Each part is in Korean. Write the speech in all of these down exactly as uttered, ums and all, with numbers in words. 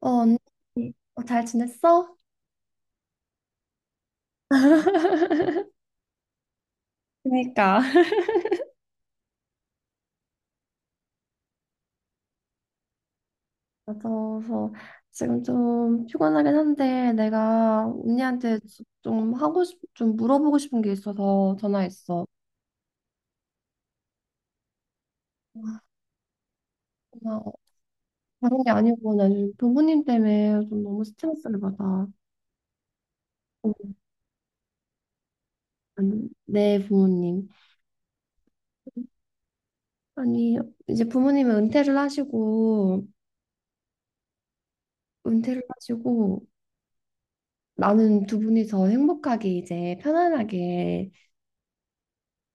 어, 언니, 어, 잘 지냈어? 그러니까. 그래서 지금 좀 피곤하긴 한데 내가 언니한테 좀 하고 싶, 좀 물어보고 싶은 게 있어서 전화했어. 아 고마워. 다른 게 아니고 나 요즘 부모님 때문에 좀 너무 스트레스를 받아. 아내 부모님. 아니, 이제 부모님은 은퇴를 하시고, 은퇴를 하시고, 나는 두 분이서 행복하게 이제 편안하게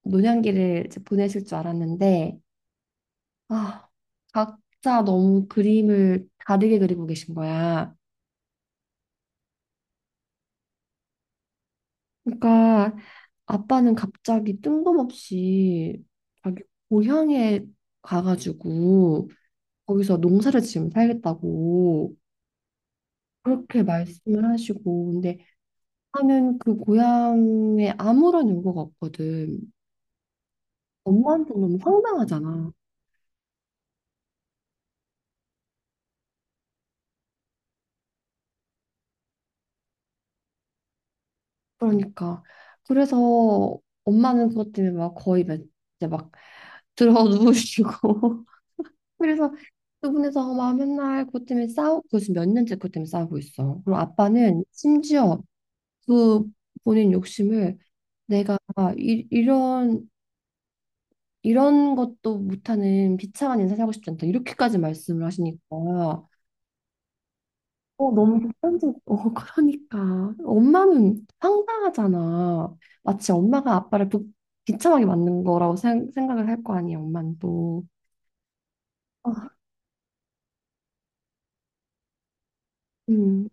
노년기를 이제 보내실 줄 알았는데, 아, 각자 너무 그림을 다르게 그리고 계신 거야. 그러니까 아빠는 갑자기 뜬금없이 자기 고향에 가가지고 거기서 농사를 지으면 살겠다고 그렇게 말씀을 하시고, 근데 하면 그 고향에 아무런 연고가 없거든. 엄마한테 너무 황당하잖아. 그러니까 그래서 엄마는 그것 때문에 막 거의 막 이제 막 들어 누우시고 그래서 두 분이서 막 맨날 그것 때문에 싸우고 지금 몇 년째 그것 때문에 싸우고 있어. 그리고 아빠는 심지어 그 본인 욕심을 내가 이, 이런 이런 것도 못하는 비참한 인생 살고 싶지 않다 이렇게까지 말씀을 하시니까 어, 너무 불편지. 어, 그러니까. 엄마는 황당하잖아. 마치 엄마가 아빠를 부, 비참하게 만든 거라고 생, 생각을 할 거 아니야, 엄마는 또. 아, 음.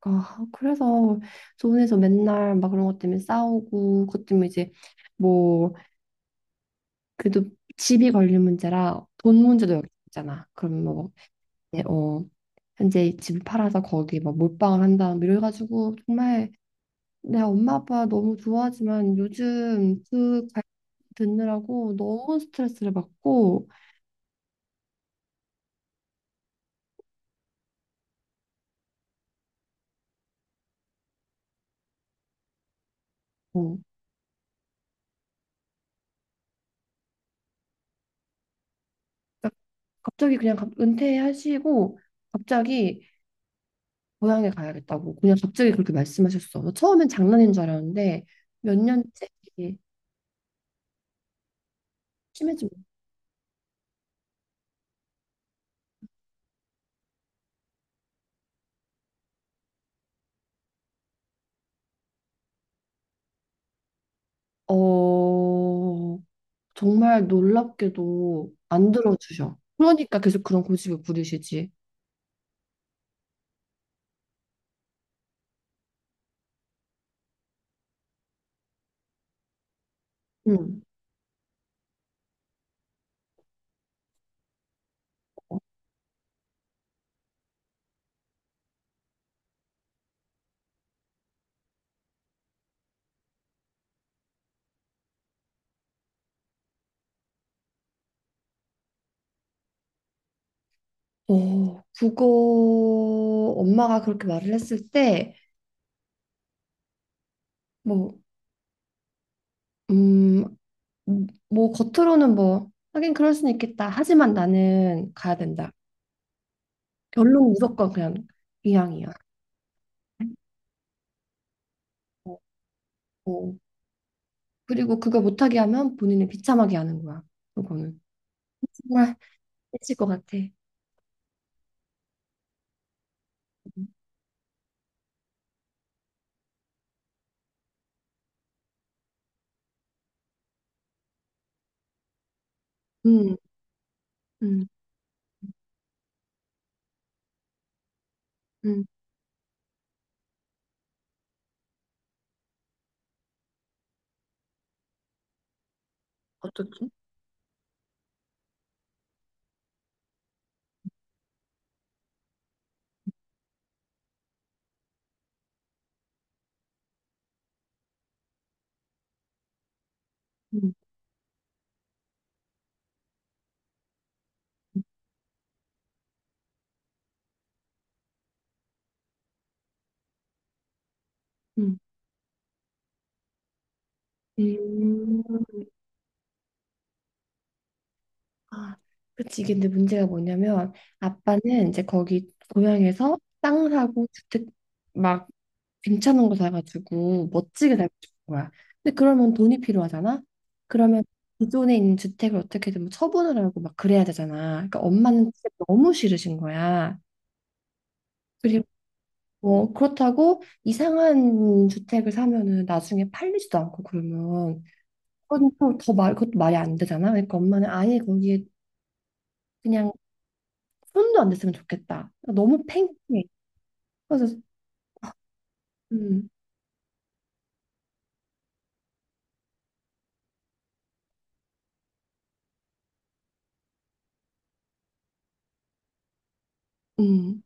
그러니까. 그래서 조원에서 맨날 막 그런 것 때문에 싸우고, 그것 때문에 이제 뭐, 그래도 집이 걸린 문제라 돈 문제도 여기 있잖아. 그럼 뭐, 이제 어, 현재 집을 팔아서 거기 막 몰빵을 한다. 뭐 이래가지고 정말 내 엄마 아빠 너무 좋아하지만 요즘 그 가- 듣느라고 너무 스트레스를 받고 어, 딱 갑자기 그냥 갑- 은퇴하시고 갑자기 고향에 가야겠다고 그냥 갑자기 그렇게 말씀하셨어. 뭐 처음엔 장난인 줄 알았는데 몇 년째 이게 심해지고 어, 정말 놀랍게도 안 들어주셔. 그러니까 계속 그런 고집을 부리시지. 응. 어, 그거 엄마가 그렇게 말을 했을 때뭐 음, 뭐 겉으로는 뭐 하긴 그럴 수는 있겠다. 하지만 나는 가야 된다. 결론 무조건 그냥 이왕이야 어, 어. 그리고 그거 못하게 하면 본인을 비참하게 하는 거야. 그거는 정말 미칠 것 같아. 음, 음, 음, 어떻게? 음, 음. 음. 아, 그치. 이게 근데 문제가 뭐냐면 아빠는 이제 거기 고향에서 땅 사고 주택 막 괜찮은 거 사가지고 멋지게 살고 싶은 거야. 근데 그러면 돈이 필요하잖아. 그러면 기존에 있는 주택을 어떻게든 뭐 처분을 하고 막 그래야 되잖아. 그러니까 엄마는 주택 너무 싫으신 거야. 그리고 뭐 그렇다고 이상한 주택을 사면은 나중에 팔리지도 않고 그러면 그건 또더 말, 그것도 말이 안 되잖아. 그러니까 엄마는 아예 거기에 그냥 손도 안 댔으면 좋겠다. 너무 팽팽해. 그래서 음, 음,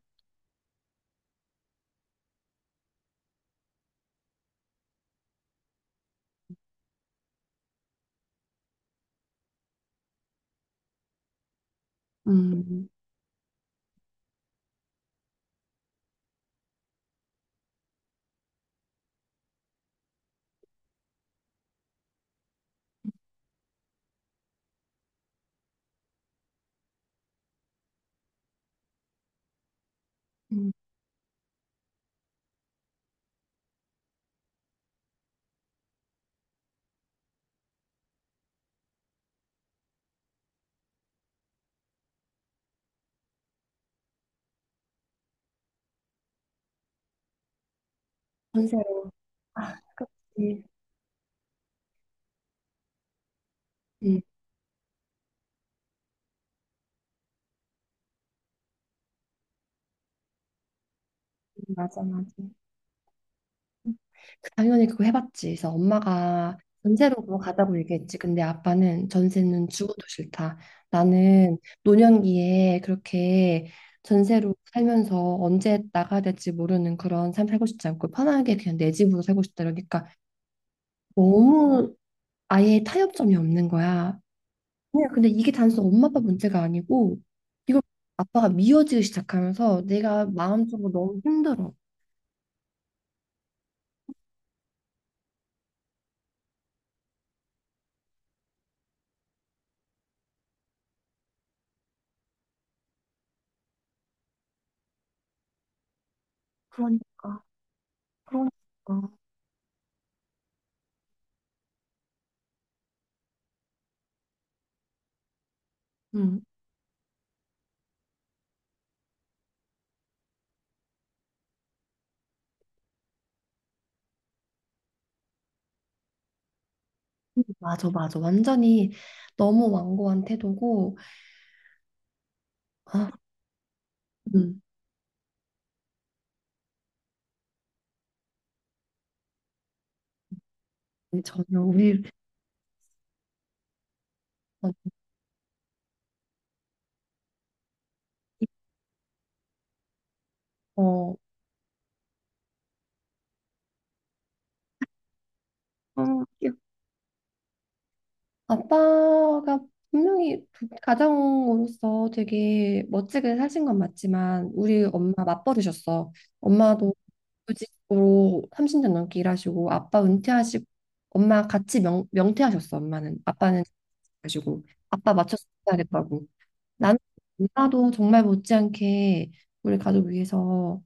음, 음, 전세로 아, 그렇지. 맞아, 맞아. 당연히 그거 해봤지. 그래서 엄마가 전세로 그거 가자고 얘기했지. 근데 아빠는 전세는 죽어도 싫다. 나는 노년기에 그렇게 전세로 살면서 언제 나가야 될지 모르는 그런 삶 살고 싶지 않고 편하게 그냥 내 집으로 살고 싶다. 그러니까 너무 아예 타협점이 없는 거야. 그냥 근데 이게 단순 엄마 아빠 문제가 아니고 이거 아빠가 미워지기 시작하면서 내가 마음적으로 너무 힘들어. 그러니까, 그러니까. 응. 맞아, 맞아. 완전히 너무 완고한 태도고, 아, 음, 전혀 우리, 어, 어, 아빠가 분명히 두- 가장으로서 되게 멋지게 사신 건 맞지만, 우리 엄마 맞벌이셨어. 엄마도 구직으로 삼십 년 넘게 일하시고, 아빠 은퇴하시고, 엄마 같이 명, 명퇴하셨어, 엄마는. 아빠는 가지고 아빠 맞춰서 해야겠다고. 나는 누나도 정말 못지않게 우리 가족 위해서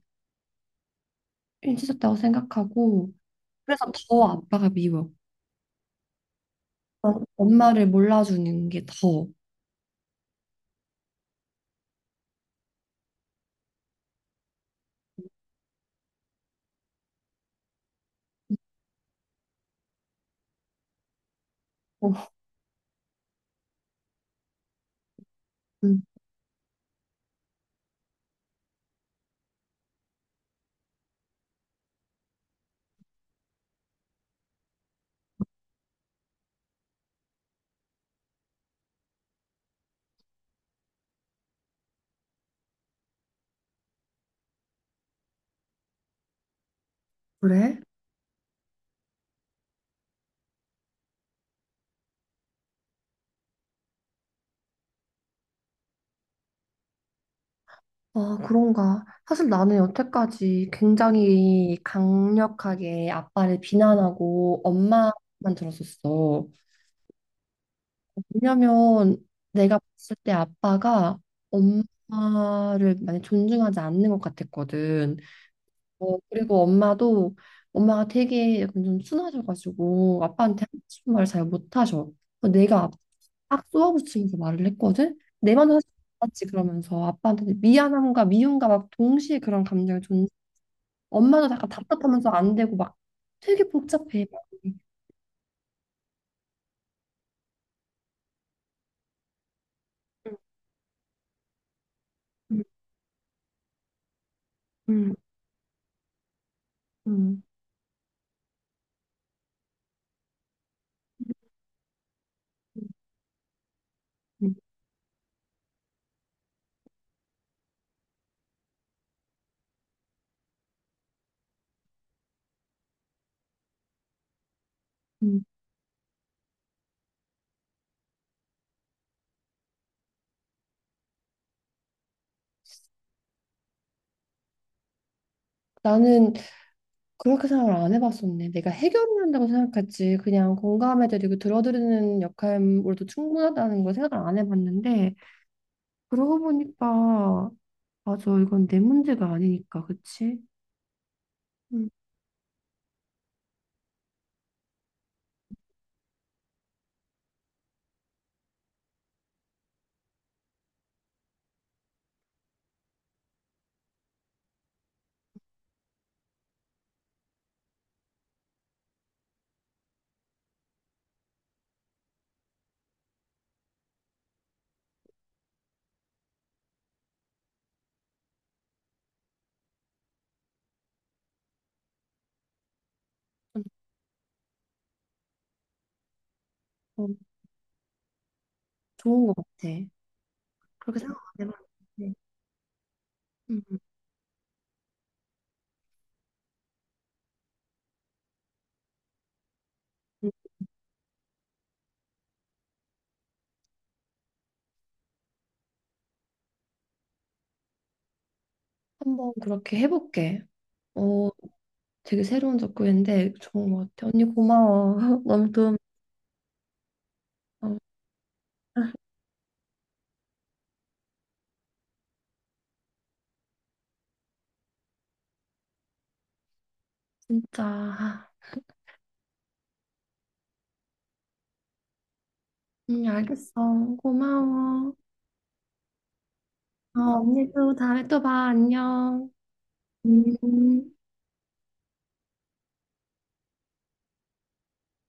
힘쓰셨다고 생각하고 그래서 더 아빠가 미워. 어, 엄마를 몰라주는 게 더. 어, 음, 그래? 아, 그런가. 사실 나는 여태까지 굉장히 강력하게 아빠를 비난하고 엄마만 들었었어. 왜냐면 내가 봤을 때 아빠가 엄마를 많이 존중하지 않는 것 같았거든. 어, 그리고 엄마도 엄마가 되게 약간 좀 순하셔가지고 아빠한테 하고 싶은 말을 잘 못하셔. 그래서 내가 딱 쏘아붙이면서 말을 했거든. 내 말은 사실 맞지 그러면서 아빠한테 미안함과 미움과 막 동시에 그런 감정이 존재. 엄마도 약간 답답하면서 안 되고 막 되게 복잡해. 막. 음 음, 음, 음, 음. 음. 나는 그렇게 생각을 안 해봤었네. 내가 해결을 한다고 생각했지. 그냥 공감해드리고 들어드리는 역할로도 충분하다는 걸 생각을 안 해봤는데, 그러고 보니까, 맞아. 이건 내 문제가 아니니까, 그치? 음, 어, 좋은 것 같아. 그렇게 생각 안 해봤는데. 음, 음. 한번 그렇게 해볼게. 어, 되게 새로운 접근인데 좋은 것 같아. 언니 고마워. 너무 도움, 어, 진짜. 응 알겠어. 고마워. 어, 언니도 다음에 또 봐. 안녕. 음.